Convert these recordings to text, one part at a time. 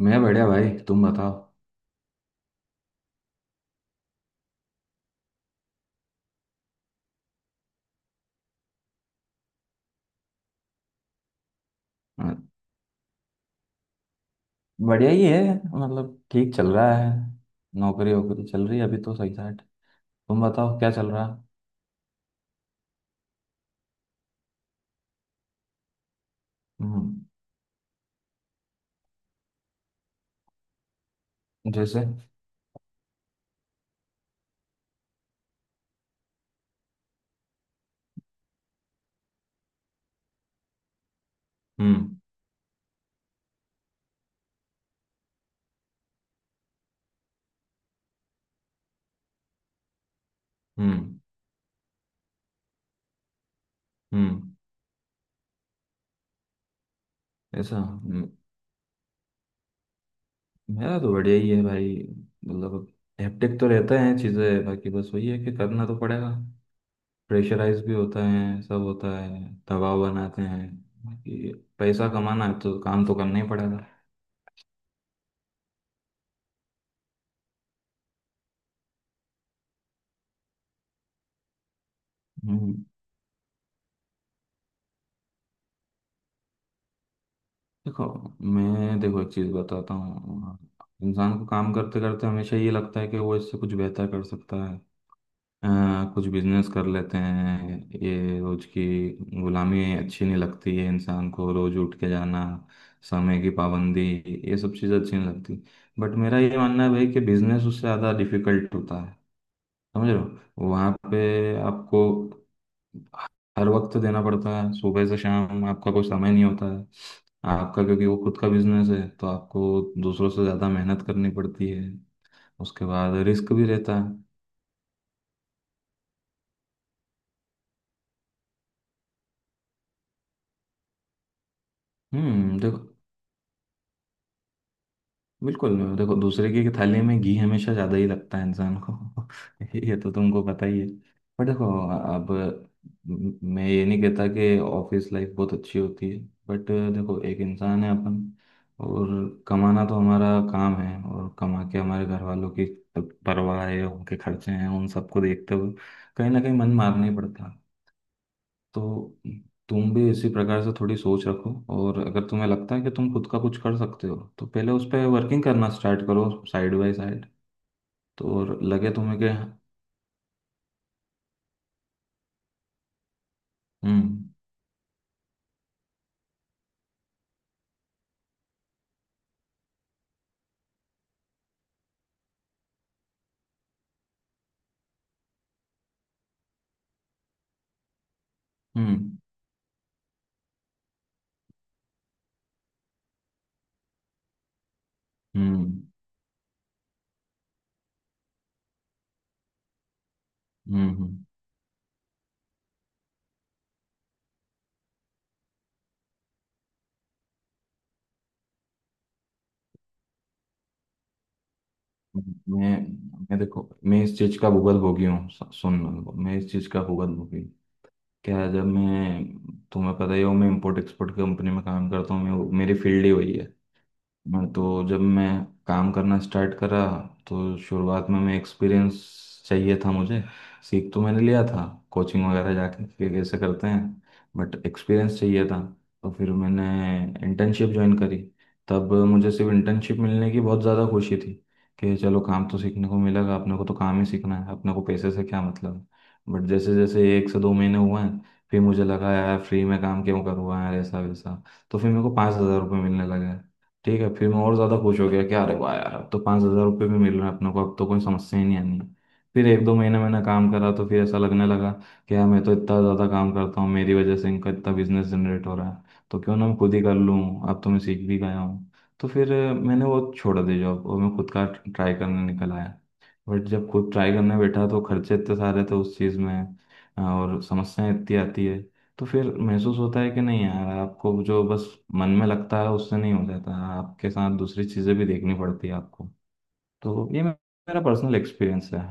मैं बढ़िया भाई। तुम बताओ। अ, बढ़िया ही है। मतलब ठीक चल रहा है। नौकरी वोकरी चल रही है अभी तो सही साट। तुम बताओ क्या चल रहा है? हम्म। जैसे। हम्म, हम्म, हम्म। ऐसा। मेरा तो बढ़िया ही है भाई। मतलब हेक्टिक तो रहता है चीज़ें, बाकी बस वही है कि करना तो पड़ेगा। प्रेशराइज भी होता है, सब होता है। दबाव बनाते हैं। बाकी पैसा कमाना है तो काम तो करना ही पड़ेगा। हम्म। देखो। मैं देखो एक चीज़ बताता हूँ। इंसान को काम करते करते हमेशा ये लगता है कि वो इससे कुछ बेहतर कर सकता है। कुछ बिजनेस कर लेते हैं। ये रोज की गुलामी अच्छी नहीं लगती है इंसान को, रोज उठ के जाना, समय की पाबंदी, ये सब चीज़ें अच्छी नहीं लगती। बट मेरा ये मानना है भाई कि बिजनेस उससे ज़्यादा डिफिकल्ट होता है। समझ रहे हो? वहाँ पे आपको हर वक्त देना पड़ता है, सुबह से शाम आपका कोई समय नहीं होता है आपका, क्योंकि वो खुद का बिजनेस है तो आपको दूसरों से ज़्यादा मेहनत करनी पड़ती है। उसके बाद रिस्क भी रहता है। हम्म। देखो। बिल्कुल। देखो, दूसरे की थाली में घी हमेशा ज़्यादा ही लगता है इंसान को। ये तो तुमको पता ही है। पर देखो, अब मैं ये नहीं कहता कि ऑफिस लाइफ बहुत अच्छी होती है। बट देखो, एक इंसान है अपन, और कमाना तो हमारा काम है, और कमा के हमारे घर वालों की परवाह है, उनके खर्चे हैं, उन सबको देखते हुए कहीं ना कहीं मन मारना ही पड़ता है। तो तुम भी इसी प्रकार से थोड़ी सोच रखो। और अगर तुम्हें लगता है कि तुम खुद का कुछ कर सकते हो तो पहले उस पर वर्किंग करना स्टार्ट करो साइड बाय साइड। तो और लगे तुम्हें कि। हम्म, हम्म, हम्म, हम्म, मैं देखो, मैं इस चीज़ का भुगत भोगी हूँ, सुन। मैं इस चीज़ का भुगत भोगी हूँ। क्या है, जब मैं, तुम्हें पता ही हो, मैं इंपोर्ट एक्सपोर्ट कंपनी में काम करता हूँ, मैं, मेरी फील्ड ही वही है। हाँ, तो जब मैं काम करना स्टार्ट करा तो शुरुआत में मैं, एक्सपीरियंस चाहिए था मुझे। सीख तो मैंने लिया था कोचिंग वगैरह जाके कि कैसे करते हैं, बट एक्सपीरियंस चाहिए था। तो फिर मैंने इंटर्नशिप ज्वाइन करी। तब मुझे सिर्फ इंटर्नशिप मिलने की बहुत ज़्यादा खुशी थी कि चलो काम तो सीखने को मिलेगा, अपने को तो काम ही सीखना है, अपने को पैसे से क्या मतलब। बट जैसे जैसे एक से दो महीने हुए हैं फिर मुझे लगा, यार फ्री में काम क्यों करूँगा यार, ऐसा वैसा। तो फिर मेरे को ₹5,000 मिलने लगा। ठीक है, फिर मैं और ज़्यादा खुश हो गया कि अरे वाह यार, अब तो ₹5,000 भी मिल रहे हैं अपने को, अब तो कोई समस्या ही नहीं आनी है। फिर एक दो महीने मैंने काम करा तो फिर ऐसा लगने लगा कि यार मैं तो इतना ज़्यादा काम करता हूँ, मेरी वजह से इनका इतना बिजनेस जनरेट हो रहा है, तो क्यों ना मैं खुद ही कर लूँ, अब तो मैं सीख भी गया हूँ। तो फिर मैंने वो छोड़ दी जॉब और मैं खुद का ट्राई करने निकल आया। बट जब खुद ट्राई करने बैठा तो खर्चे इतने सारे थे उस चीज़ में और समस्याएं इतनी आती है। तो फिर महसूस होता है कि नहीं यार, आपको जो बस मन में लगता है उससे नहीं हो जाता, आपके साथ दूसरी चीजें भी देखनी पड़ती है आपको। तो ये मेरा पर्सनल एक्सपीरियंस है।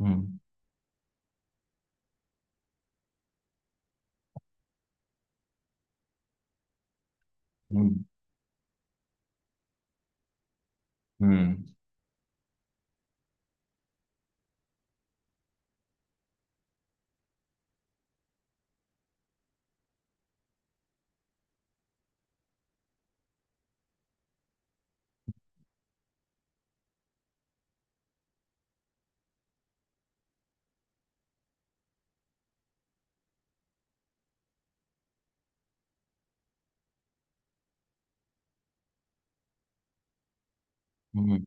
हम्म, हम्म, हम्म, हम्म।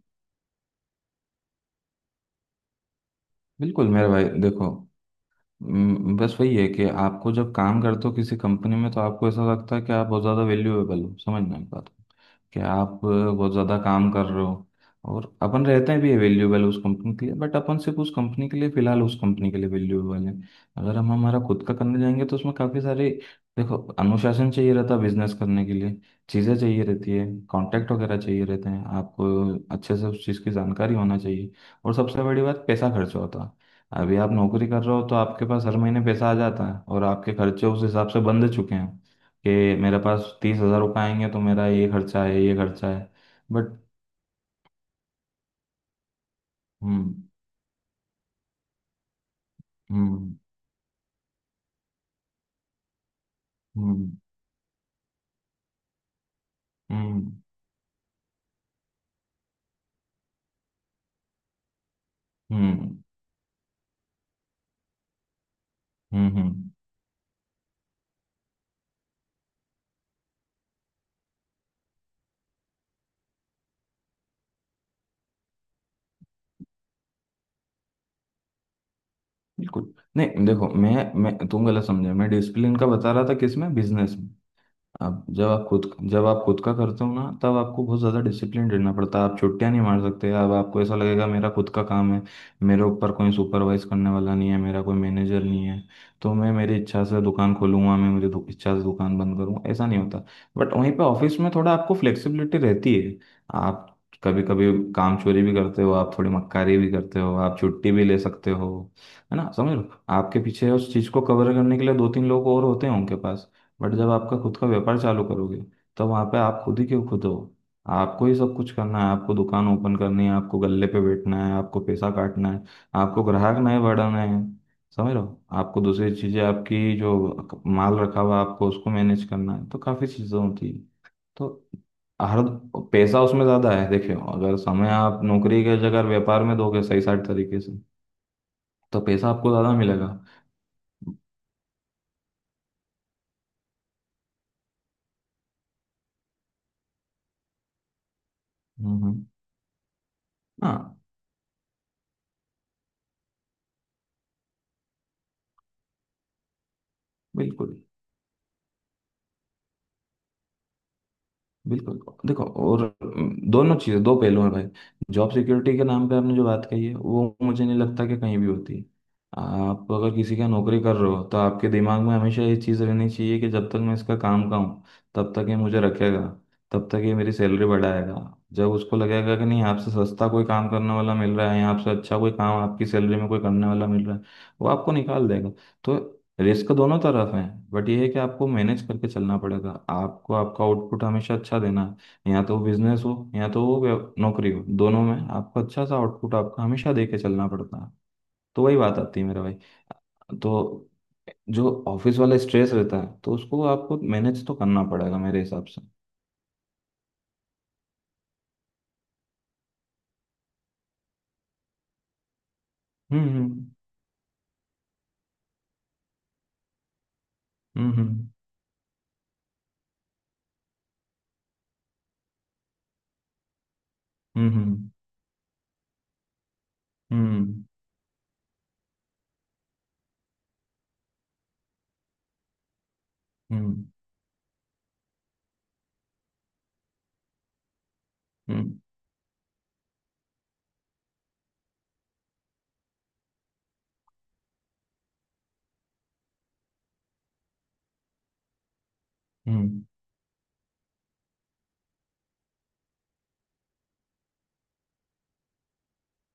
बिल्कुल मेरे भाई, देखो। बस वही है कि आपको जब काम करते हो किसी कंपनी में तो आपको ऐसा लगता है कि आप बहुत ज़्यादा वैल्यूएबल हो, समझ में बात को, कि आप बहुत ज़्यादा काम कर रहे हो। और अपन रहते हैं भी वैल्यूएबल उस कंपनी के लिए, बट अपन सिर्फ उस कंपनी के लिए, फिलहाल उस कंपनी के लिए वैल्यूएबल हैं। अगर हम हमारा खुद का करने जाएंगे तो उसमें काफ़ी सारे, देखो, अनुशासन चाहिए रहता है बिजनेस करने के लिए, चीज़ें चाहिए रहती है, कॉन्टैक्ट वगैरह चाहिए रहते हैं आपको, अच्छे से उस चीज़ की जानकारी होना चाहिए, और सबसे बड़ी बात, पैसा खर्च होता है। अभी आप नौकरी कर रहे हो तो आपके पास हर महीने पैसा आ जाता है और आपके खर्चे उस हिसाब से बंध चुके हैं कि मेरे पास ₹30,000 आएंगे तो मेरा ये खर्चा है, ये खर्चा है। बट। हम्म, हम्म, हम्म, हम्म, हम्म, हम्म, बिल्कुल नहीं। देखो, मैं, तुम गलत समझे, मैं डिसिप्लिन का बता रहा था किसमें, बिजनेस में। आप जब, आप खुद, जब आप खुद का करते हो ना, तब आपको बहुत ज़्यादा डिसिप्लिन रहना पड़ता है, आप छुट्टियां नहीं मार सकते। अब आपको ऐसा लगेगा मेरा खुद का काम है, मेरे ऊपर कोई सुपरवाइज करने वाला नहीं है, मेरा कोई मैनेजर नहीं है, तो मैं मेरी इच्छा से दुकान खोलूंगा, मैं मेरी इच्छा से दुकान बंद करूंगा। ऐसा नहीं होता। बट वहीं पे ऑफिस में थोड़ा आपको फ्लेक्सिबिलिटी रहती है। आप कभी कभी काम चोरी भी करते हो, आप थोड़ी मक्कारी भी करते हो, आप छुट्टी भी ले सकते हो, है ना, समझ लो। आपके पीछे उस चीज़ को कवर करने के लिए दो तीन लोग और होते हैं उनके पास। बट जब आपका खुद का व्यापार चालू करोगे तो वहां पे आप खुद ही, क्यों, खुद हो, आपको ही सब कुछ करना है। आपको दुकान ओपन करनी है, आपको गल्ले पे बैठना है, आपको पैसा काटना है, आपको ग्राहक नए बढ़ाने हैं, समझ रहे हो, आपको दूसरी चीजें, आपकी जो माल रखा हुआ है, आपको उसको मैनेज करना है, तो काफी चीजें होती है। तो हर, पैसा उसमें ज्यादा है, देखियो, अगर समय आप नौकरी के जगह व्यापार में दोगे सही साइड तरीके से, तो पैसा आपको ज्यादा मिलेगा। हम्म, हाँ। बिल्कुल, बिल्कुल। देखो, और दोनों चीज़ें दो पहलू हैं भाई। जॉब सिक्योरिटी के नाम पे आपने जो बात कही है वो मुझे नहीं लगता कि कहीं भी होती है। आप अगर किसी का नौकरी कर रहे हो तो आपके दिमाग में हमेशा ये चीज़ रहनी चाहिए कि जब तक मैं इसका काम का हूँ तब तक ये मुझे रखेगा, तब तक ये मेरी सैलरी बढ़ाएगा। जब उसको लगेगा कि नहीं, आपसे सस्ता कोई काम करने वाला मिल रहा है, या आपसे अच्छा कोई काम आपकी सैलरी में कोई करने वाला मिल रहा है, वो आपको निकाल देगा। तो रिस्क दोनों तरफ है। बट ये है कि आपको मैनेज करके चलना पड़ेगा, आपको आपका आउटपुट हमेशा अच्छा देना है, या तो बिजनेस हो या तो वो नौकरी हो, दोनों में आपको अच्छा सा आउटपुट आपको हमेशा दे के चलना पड़ता है। तो वही बात आती है मेरे भाई। तो जो ऑफिस वाला स्ट्रेस रहता है तो उसको आपको मैनेज तो करना पड़ेगा मेरे हिसाब से। हम्म, हम्म, हम्म, हम्म, हम्म, हम्म, हम्म, हम्म,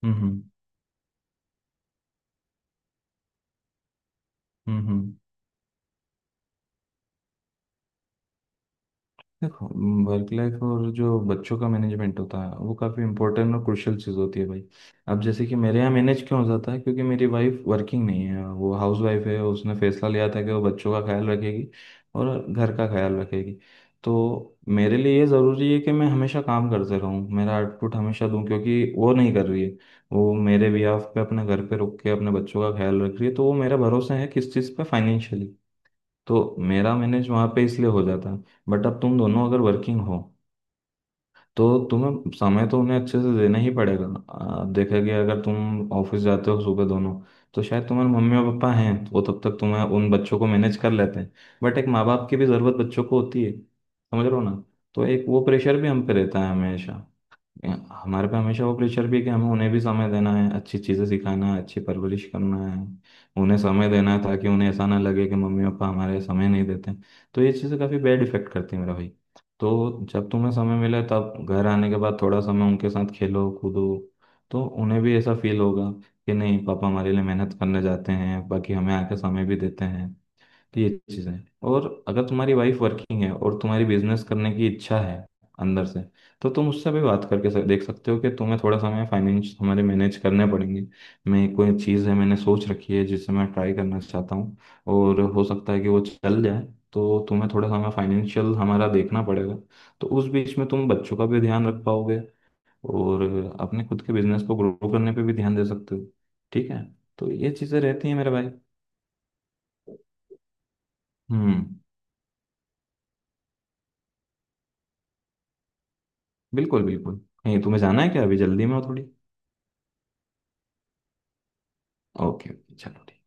हम्म, हम्म, हम्म, हम्म। देखो, वर्क लाइफ और जो बच्चों का मैनेजमेंट होता है वो काफ़ी इंपॉर्टेंट और क्रुशियल चीज़ होती है भाई। अब जैसे कि मेरे यहाँ मैनेज क्यों हो जाता है, क्योंकि मेरी वाइफ वर्किंग नहीं है, वो हाउस वाइफ है, उसने फैसला लिया था कि वो बच्चों का ख्याल रखेगी और घर का ख्याल रखेगी। तो मेरे लिए ये ज़रूरी है कि मैं हमेशा काम करते रहूँ, मेरा आउटपुट हमेशा दूँ, क्योंकि वो नहीं कर रही है। वो मेरे बिहाफ पे अपने घर पे रुक के अपने बच्चों का ख्याल रख रही है, तो वो मेरा भरोसा है किस चीज़ पे, फाइनेंशियली। तो मेरा मैनेज वहाँ पे इसलिए हो जाता है। बट अब तुम दोनों अगर वर्किंग हो तो तुम्हें समय तो उन्हें अच्छे से देना ही पड़ेगा। देखा गया अगर तुम ऑफिस जाते हो सुबह दोनों, तो शायद तुम्हारे मम्मी और पापा हैं तो वो तब तक तुम्हें उन बच्चों को मैनेज कर लेते हैं। बट एक माँ बाप की भी ज़रूरत बच्चों को होती है, समझ रहे हो ना। तो एक वो प्रेशर भी हम पे रहता है हमेशा। हमारे पे हमेशा वो प्रेशर भी है कि हमें उन्हें भी समय देना है, अच्छी चीज़ें सिखाना है, अच्छी परवरिश करना है, उन्हें समय देना है ताकि उन्हें ऐसा ना लगे कि मम्मी पापा हमारे समय नहीं देते। तो ये चीज़ें काफ़ी बैड इफेक्ट करती है मेरा भाई। तो जब तुम्हें समय मिले, तब घर आने के बाद थोड़ा समय उनके साथ खेलो कूदो, तो उन्हें भी ऐसा फील होगा कि नहीं, पापा हमारे लिए मेहनत करने जाते हैं, बाकी हमें आके समय भी देते हैं। तो ये चीज़ें। और अगर तुम्हारी वाइफ वर्किंग है और तुम्हारी बिजनेस करने की इच्छा है अंदर से, तो तुम उससे भी बात करके देख सकते हो कि तुम्हें थोड़ा समय फाइनेंस हमारे मैनेज करने पड़ेंगे। मैं, कोई चीज़ है मैंने सोच रखी है जिसे मैं ट्राई करना चाहता हूँ और हो सकता है कि वो चल जाए, तो तुम्हें थोड़ा समय फाइनेंशियल हमारा देखना पड़ेगा। तो उस बीच में तुम बच्चों का भी ध्यान रख पाओगे और अपने खुद के बिजनेस को ग्रो करने पे भी ध्यान दे सकते हो। ठीक है? तो ये चीज़ें रहती हैं मेरे भाई। हम्म। बिल्कुल, बिल्कुल। कहीं तुम्हें जाना है क्या, अभी जल्दी में हो थोड़ी? ओके, चलो ठीक।